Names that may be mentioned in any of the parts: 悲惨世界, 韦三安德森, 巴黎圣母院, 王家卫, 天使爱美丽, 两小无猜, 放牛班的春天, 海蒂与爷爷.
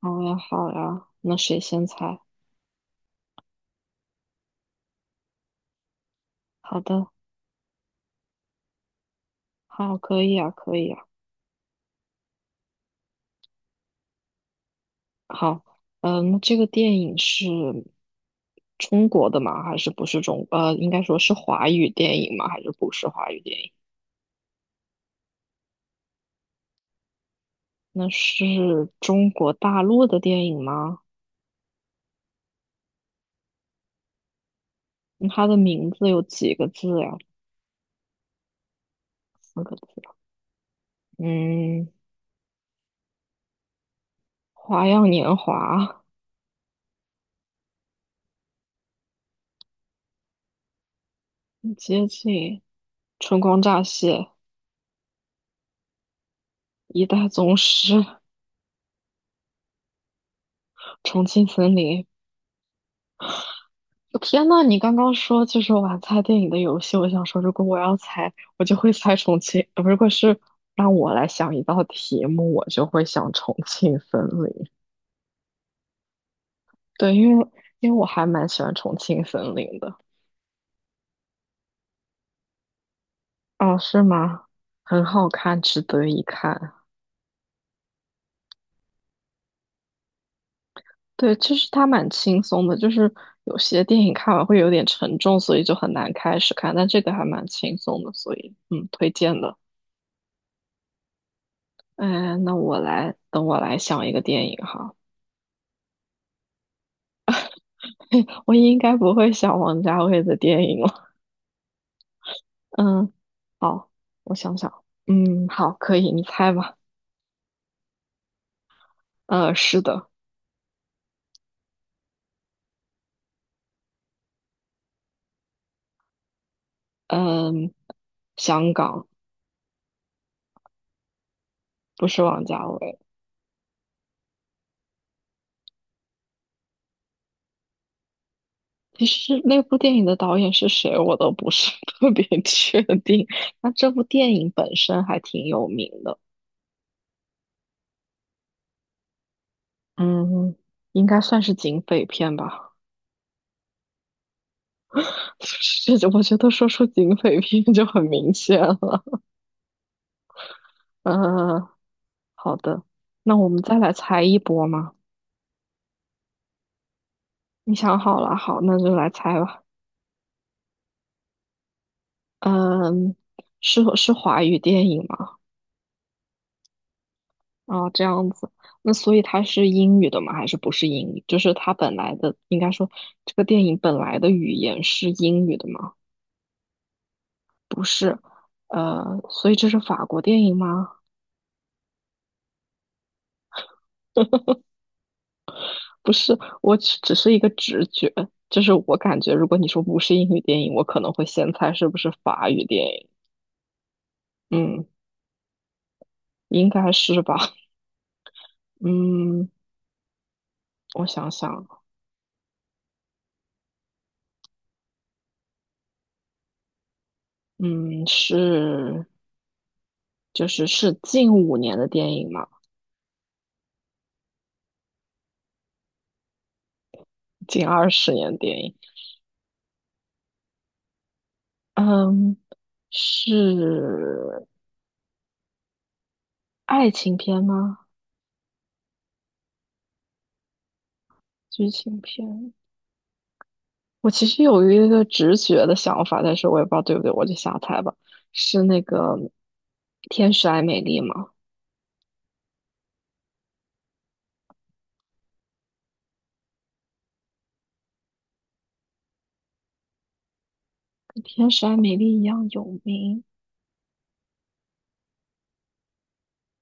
好呀，好呀，那谁先猜？好的，好，可以啊，可以啊。好，那这个电影是中国的吗？还是不是中？应该说是华语电影吗？还是不是华语电影？那是中国大陆的电影吗？那它的名字有几个字呀？四个字啊。嗯，《花样年华》接近《春光乍泄》《一代宗师》《重庆森林》天呐，你刚刚说就是玩猜电影的游戏，我想说，如果我要猜，我就会猜重庆。如果是让我来想一道题目，我就会想重庆森林。对，因为我还蛮喜欢重庆森林的。哦，是吗？很好看，值得一看。对，就是它蛮轻松的，就是有些电影看完会有点沉重，所以就很难开始看。但这个还蛮轻松的，所以推荐的。嗯，那我来，等我来想一个电影哈。我应该不会想王家卫的电影了。嗯，好，我想想。嗯，好，可以，你猜吧。是的，嗯，香港不是王家卫。其实那部电影的导演是谁，我都不是 特别确定。那这部电影本身还挺有名的，嗯，应该算是警匪片吧。是，我觉得说出警匪片就很明显了。嗯，好的，那我们再来猜一波吗？你想好了，好，那就来猜吧。嗯，是华语电影吗？啊，这样子。那所以它是英语的吗？还是不是英语？就是它本来的，应该说这个电影本来的语言是英语的吗？不是。所以这是法国电影吗？不是，我只是一个直觉，就是我感觉，如果你说不是英语电影，我可能会先猜是不是法语电影。嗯，应该是吧。嗯，我想想，嗯，是。就是是近五年的电影嘛，近二十年的电影。嗯，是爱情片吗？剧情片？我其实有一个直觉的想法，但是我也不知道对不对，我就瞎猜吧。是那个《天使爱美丽》吗？跟《天使爱美丽》一样有名？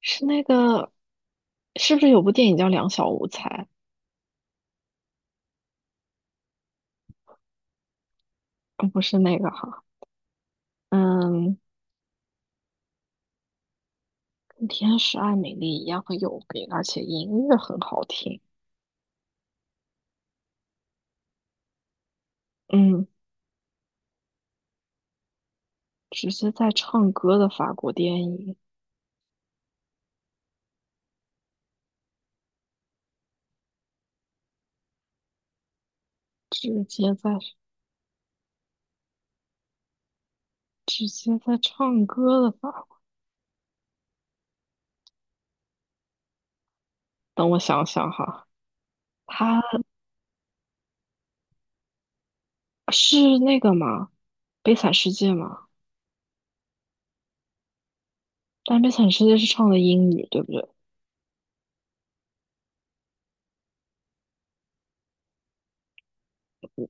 是那个？是不是有部电影叫《两小无猜》？不是那个哈。嗯，跟《天使爱美丽》一样很有名，而且音乐很好听。嗯，直接在唱歌的法国电影，直接在直接在唱歌的法国。等我想想哈，他是那个吗？《悲惨世界》吗？但《悲惨世界》是唱的英语，对不对？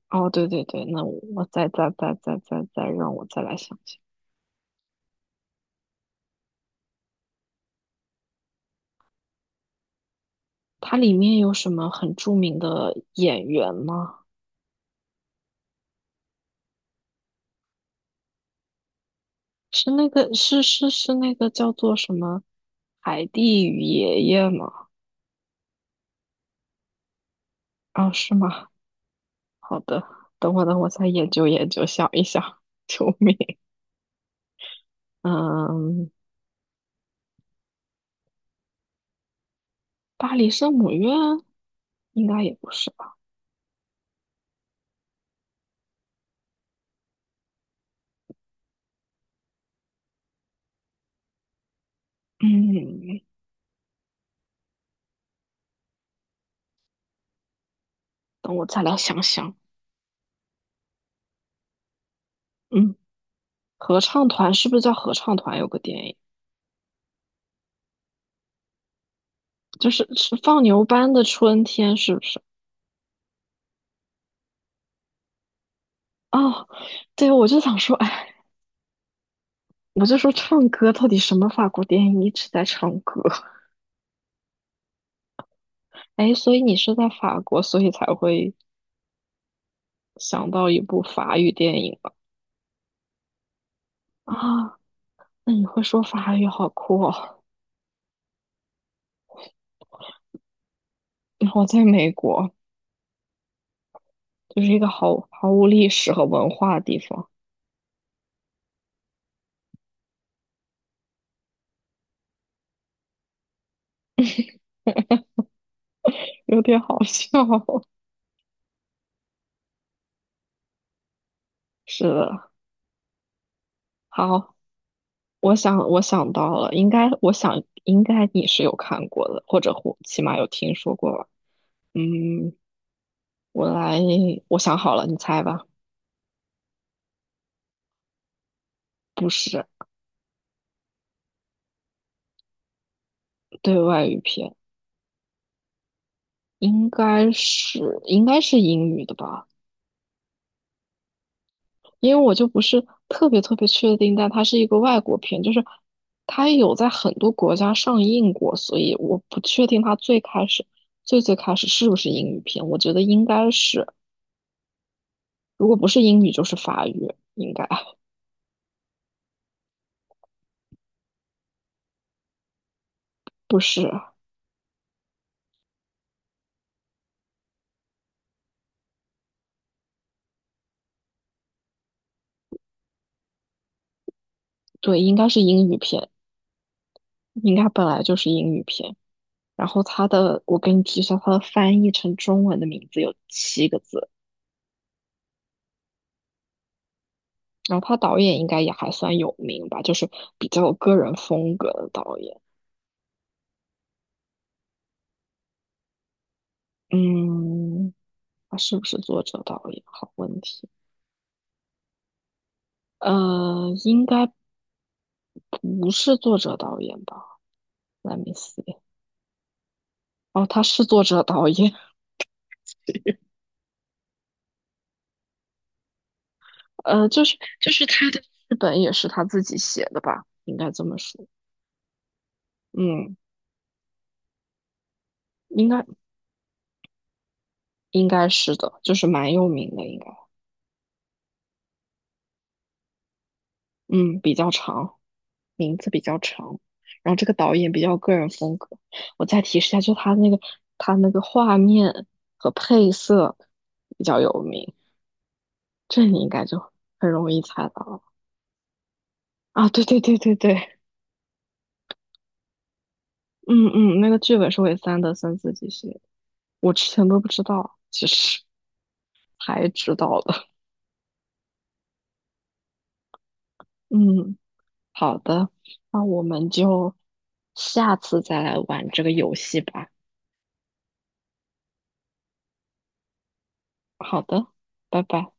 哦，对对对，那我再让我再来想想，它里面有什么很著名的演员吗？是那个是是是那个叫做什么海蒂与爷爷吗？啊，是吗？好的，等我等我再研究研究，想一想，救命！嗯，巴黎圣母院应该也不是吧？嗯，等我再来想想。嗯，合唱团是不是叫合唱团？有个电影就是是放牛班的春天，是不是？哦，对，我就想说，哎，我就说唱歌到底什么法国电影一直在唱歌？哎，所以你是在法国，所以才会想到一部法语电影吧？啊，那你会说法语，好酷哦！我在美国，就是一个毫无历史和文化的地方，有点好笑。是的，好，我想我想到了，应该我想应该你是有看过的，或者起码有听说过吧。嗯，我来，我想好了，你猜吧。不是对外语片，应该是英语的吧。因为我就不是特别确定，但它是一个外国片，就是它有在很多国家上映过，所以我不确定它最开始最开始是不是英语片，我觉得应该是，如果不是英语就是法语，应该不是，对，应该是英语片，应该本来就是英语片。然后它的，我给你提一下，它的翻译成中文的名字有七个字，然后他导演应该也还算有名吧，就是比较有个人风格的导演，嗯。他是不是作者导演？好问题。应该不是作者导演吧？Let me see。哦，他是作者导演。就是他的剧本也是他自己写的吧？应该这么说。嗯，应该应该是的，就是蛮有名的，应该。嗯，比较长，名字比较长。然后这个导演比较个人风格。我再提示一下，就他那个画面和配色比较有名，这你应该就很容易猜到了。啊，对对对对对，嗯嗯，那个剧本是韦三安德森自己写的，我之前都不知道，其实还知道的。嗯，好的，那我们就下次再来玩这个游戏吧。好的，拜拜。